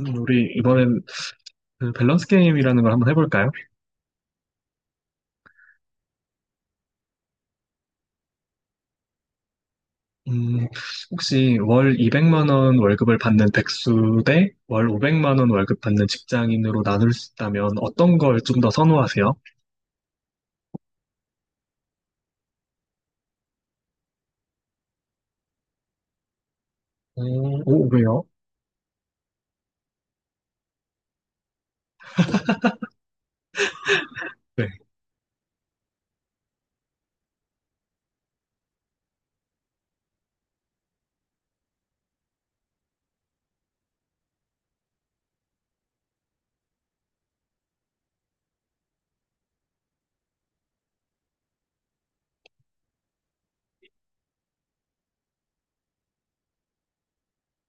우리 이번엔 그 밸런스 게임이라는 걸 한번 해볼까요? 음, 혹시 월 200만 원 월급을 받는 백수 대 월 500만 원 월급 받는 직장인으로 나눌 수 있다면 어떤 걸 좀 더 선호하세요? 오, 오, 왜요? 네.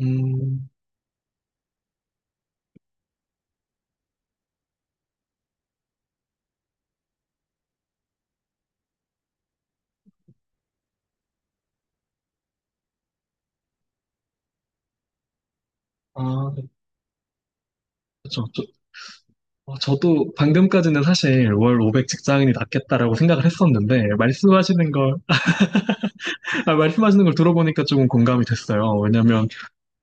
음, 아, 그렇죠. 저도 방금까지는 사실 월 500 직장인이 낫겠다라고 생각을 했었는데 아, 말씀하시는 걸 들어보니까 조금 공감이 됐어요. 왜냐면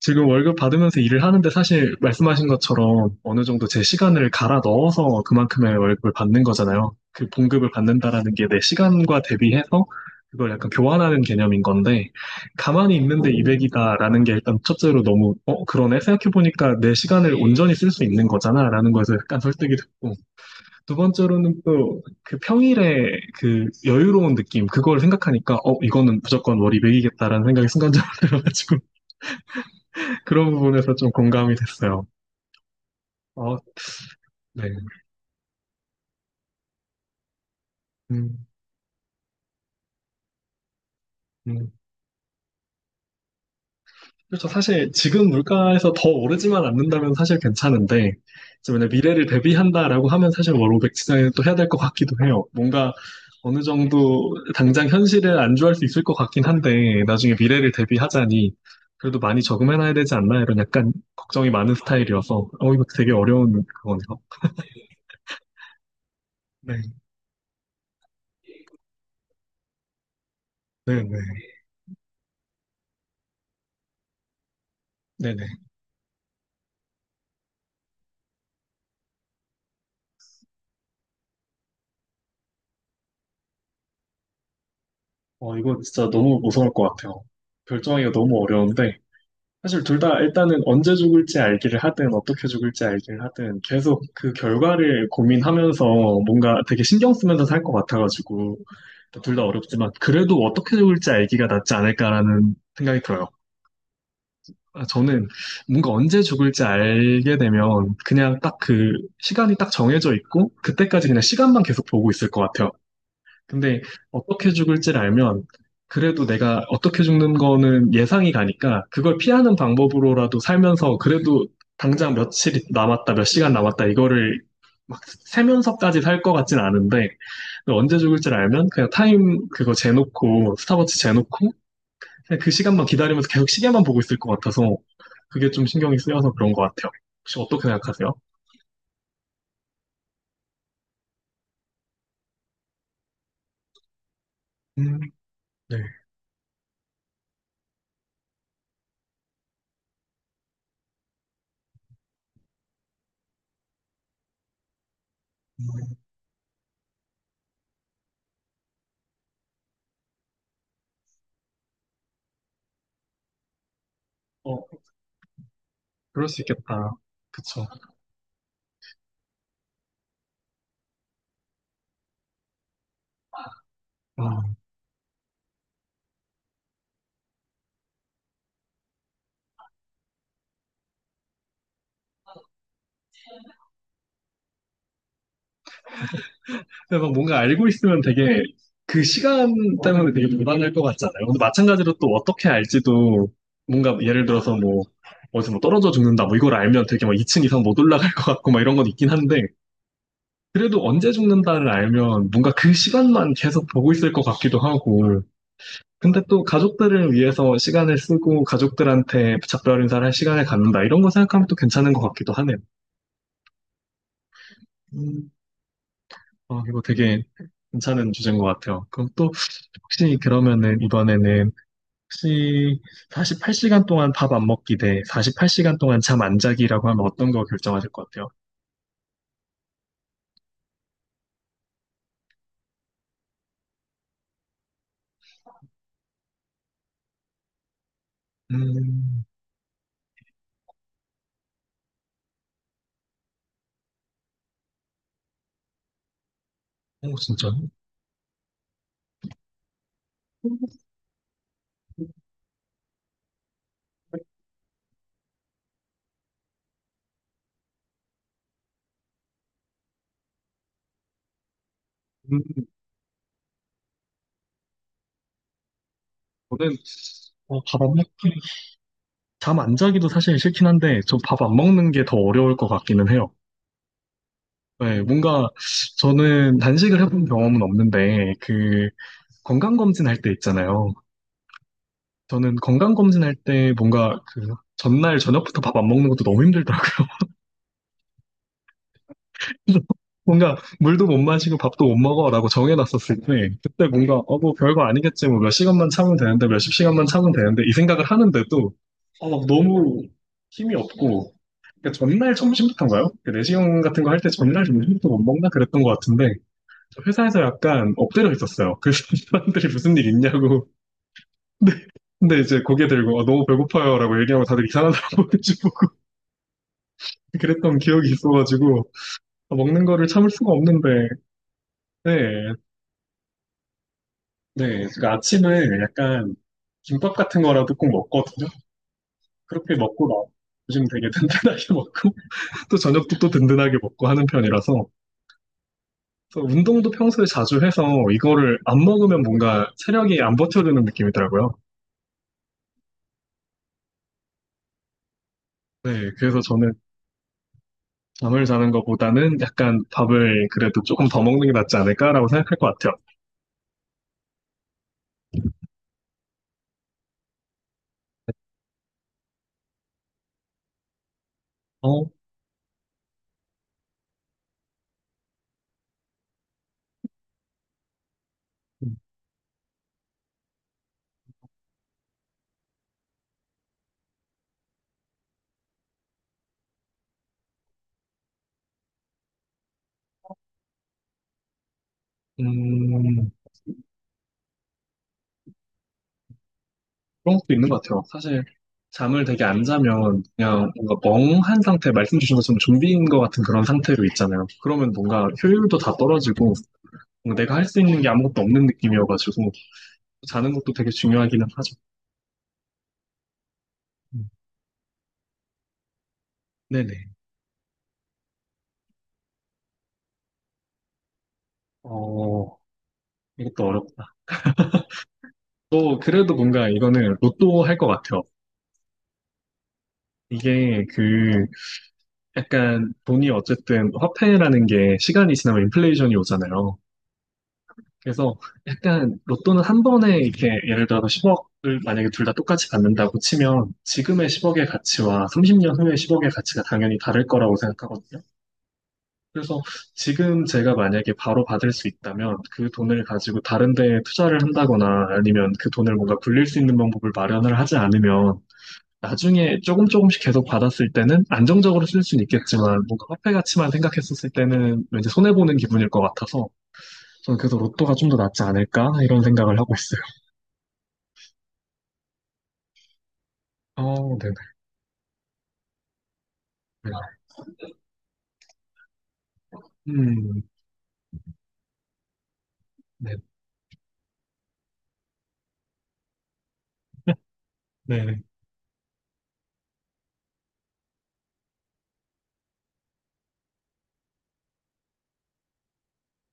지금 월급 받으면서 일을 하는데 사실 말씀하신 것처럼 어느 정도 제 시간을 갈아 넣어서 그만큼의 월급을 받는 거잖아요. 그 봉급을 받는다라는 게 내 시간과 대비해서 그걸 약간 교환하는 개념인 건데, 가만히 있는데 200이다라는 게 일단 첫째로 너무, 그러네, 생각해보니까 내 시간을 온전히 쓸 수 있는 거잖아라는 거에서 약간 설득이 됐고, 두 번째로는 또 그 평일에 그 여유로운 느낌 그걸 생각하니까, 이거는 무조건 월 200이겠다라는 생각이 순간적으로 들어가지고 그런 부분에서 좀 공감이 됐어요. 어, 네. 음, 음. 그렇죠. 사실 지금 물가에서 더 오르지만 않는다면 사실 괜찮은데, 이제 만약 미래를 대비한다라고 하면 사실 월0백 지정을 또 해야 될 것 같기도 해요. 뭔가 어느 정도 당장 현실을 안주할 수 있을 것 같긴 한데, 나중에 미래를 대비하자니, 그래도 많이 저금해놔야 되지 않나, 이런 약간 걱정이 많은 스타일이어서, 어, 이거 되게 어려운 그거네요. 네, 네네. 네네. 어, 이거 진짜 너무 무서울 것 같아요. 결정하기가 너무 어려운데, 사실 둘 다 일단은 언제 죽을지 알기를 하든 어떻게 죽을지 알기를 하든 계속 그 결과를 고민하면서 뭔가 되게 신경 쓰면서 살 것 같아가지고, 둘 다 어렵지만 그래도 어떻게 죽을지 알기가 낫지 않을까라는 생각이 들어요. 아, 저는 뭔가 언제 죽을지 알게 되면 그냥 딱 그 시간이 딱 정해져 있고 그때까지 그냥 시간만 계속 보고 있을 것 같아요. 근데 어떻게 죽을지를 알면 그래도 내가 어떻게 죽는 거는 예상이 가니까 그걸 피하는 방법으로라도 살면서, 그래도 당장 며칠 남았다, 몇 시간 남았다 이거를 막 세면서까지 살 것 같진 않은데, 그 언제 죽을지를 알면 그냥 타임 그거 재놓고 스탑워치 재놓고 그냥 그 시간만 기다리면서 계속 시계만 보고 있을 것 같아서 그게 좀 신경이 쓰여서 그런 것 같아요. 혹시 어떻게 생각하세요? 음, 네. 어, 그럴 수 있겠다. 그쵸. 근데 막 뭔가 알고 있으면 되게 그 시간 때문에 되게 불안할 것 같잖아요. 근데 마찬가지로 또 어떻게 알지도, 뭔가 예를 들어서 뭐 어디서 뭐 떨어져 죽는다 뭐 이걸 알면 되게 막 2층 이상 못 올라갈 것 같고 막 이런 건 있긴 한데, 그래도 언제 죽는다를 알면 뭔가 그 시간만 계속 보고 있을 것 같기도 하고, 근데 또 가족들을 위해서 시간을 쓰고 가족들한테 작별 인사를 할 시간을 갖는다 이런 거 생각하면 또 괜찮은 것 같기도 하네요. 어, 이거 되게 괜찮은 주제인 것 같아요. 그럼 또, 혹시 그러면은 이번에는 혹시 48시간 동안 밥 안 먹기 대 48시간 동안 잠 안 자기라고 하면 어떤 거 결정하실 것 같아요? 음, 어, 진짜. 음, 저는, 어, 밥 안 먹, 잠 안 자기도 사실 싫긴 한데, 저 밥 안 먹는 게 더 어려울 것 같기는 해요. 네, 뭔가 저는 단식을 해본 경험은 없는데, 그 건강검진 할 때 있잖아요. 저는 건강검진 할 때 뭔가 그 전날 저녁부터 밥 안 먹는 것도 너무 힘들더라고요. 그래서 뭔가 물도 못 마시고 밥도 못 먹어라고 정해놨었을 때, 그때 뭔가 뭐 별거 아니겠지, 뭐 몇 시간만 참으면 되는데, 몇십 시간만 참으면 되는데 이 생각을 하는데도 어, 막 너무 힘이 없고. 그러니까 전날 점심부터인가요? 그 내시경 같은 거 할 때 전날 점심부터 못 먹나 그랬던 것 같은데, 저 회사에서 약간 엎드려 있었어요. 그래서 사람들이 무슨 일 있냐고 근데 근데 이제 고개 들고 어, 너무 배고파요라고 얘기하면 다들 이상하더라고요. 그랬던 기억이 있어가지고 아, 먹는 거를 참을 수가 없는데. 네, 네, 제가 아침에 약간 김밥 같은 거라도 꼭 먹거든요. 그렇게 먹고 나 요즘 되게 든든하게 먹고 또 저녁도 또 든든하게 먹고 하는 편이라서, 그래서 운동도 평소에 자주 해서 이거를 안 먹으면 뭔가 체력이 안 버텨주는 느낌이더라고요. 네, 그래서 저는 잠을 자는 것보다는 약간 밥을 그래도 조금 더 먹는 게 낫지 않을까라고 생각할 것 같아요. 어, 음, 그런 것도 있는 것 같아요. 사실 잠을 되게 안 자면 그냥 뭔가 멍한 상태, 말씀 주신 것처럼 좀비인 것 같은 그런 상태로 있잖아요. 그러면 뭔가 효율도 다 떨어지고 뭔가 내가 할 수 있는 게 아무것도 없는 느낌이어가지고, 자는 것도 되게 중요하기는 하죠. 음, 네네. 어, 이것도 어렵다. 또 그래도 뭔가 이거는 로또 할 것 같아요. 이게 그 약간 돈이 어쨌든 화폐라는 게 시간이 지나면 인플레이션이 오잖아요. 그래서 약간 로또는 한 번에 이렇게 예를 들어서 10억을 만약에 둘 다 똑같이 받는다고 치면 지금의 10억의 가치와 30년 후의 10억의 가치가 당연히 다를 거라고 생각하거든요. 그래서 지금 제가 만약에 바로 받을 수 있다면 그 돈을 가지고 다른 데에 투자를 한다거나 아니면 그 돈을 뭔가 굴릴 수 있는 방법을 마련을 하지 않으면, 나중에 조금 조금씩 계속 받았을 때는 안정적으로 쓸 수는 있겠지만 뭔가 화폐 가치만 생각했었을 때는 왠지 손해보는 기분일 것 같아서, 저는 그래서 로또가 좀 더 낫지 않을까? 이런 생각을 하고 있어요. 어, 네네. 음, 네, 네네.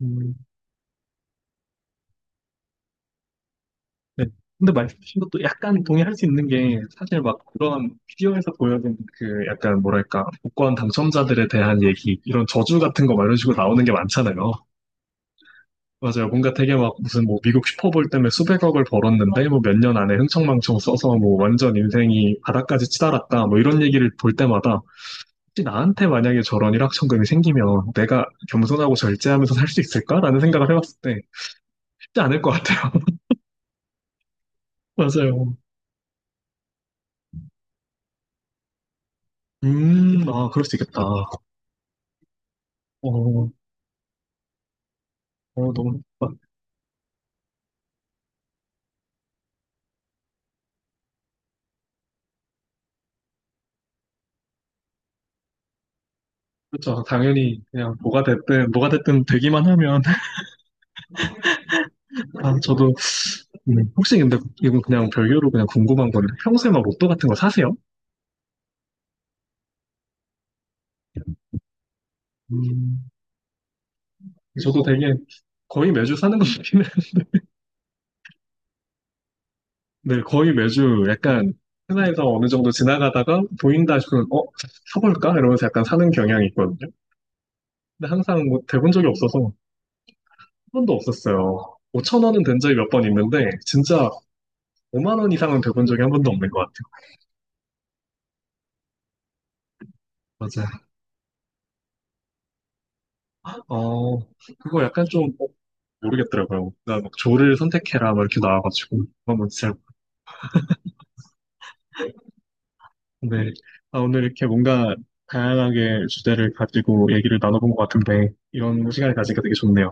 음, 네. 근데 말씀하신 것도 약간 동의할 수 있는 게, 사실 막 그런 비디오에서 보여진 그 약간 뭐랄까 복권 당첨자들에 대한 얘기, 이런 저주 같은 거 막 이런 식으로 나오는 게 많잖아요. 맞아요. 뭔가 되게 막 무슨 뭐 미국 슈퍼볼 때문에 수백억을 벌었는데 뭐 몇 년 안에 흥청망청 써서 뭐 완전 인생이 바닥까지 치달았다 뭐 이런 얘기를 볼 때마다, 혹시 나한테 만약에 저런 일확천금이 생기면 내가 겸손하고 절제하면서 살 수 있을까라는 생각을 해봤을 때, 쉽지 않을 것 같아요. 맞아요. 아, 그럴 수 있겠다. 어, 어, 너무, 좋다. 그렇죠. 당연히 그냥 뭐가 됐든, 뭐가 됐든 되기만 하면. 아, 저도. 혹시 근데 이건 그냥 별개로 그냥 궁금한 건는, 평소에 막 로또 같은 거 사세요? 음, 저도 되게 거의 매주 사는 것 같긴. 네, 거의 매주 약간 하나에서 어느 정도 지나가다가 보인다 싶으면, 어? 사볼까? 이러면서 약간 사는 경향이 있거든요. 근데 항상 뭐 대본 적이 없어서 한 번도 없었어요. 5천 원은 된 적이 몇 번 있는데, 진짜 5만 원 이상은 돼본 적이 한 번도 없는 것 같아요. 맞아요. 어, 그거 약간 좀 모르겠더라고요. 나막 조를 선택해라 막 이렇게 나와가지고 한번 진짜. 네. 아, 오늘 이렇게 뭔가 다양하게 주제를 가지고 얘기를 나눠본 것 같은데, 이런 시간을 가지니까 되게 좋네요.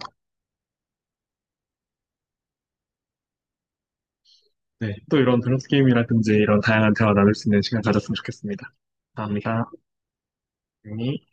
네, 또 이런 밸런스 게임이라든지 이런 다양한 대화 나눌 수 있는 시간 가졌으면 좋겠습니다. 감사합니다. 네.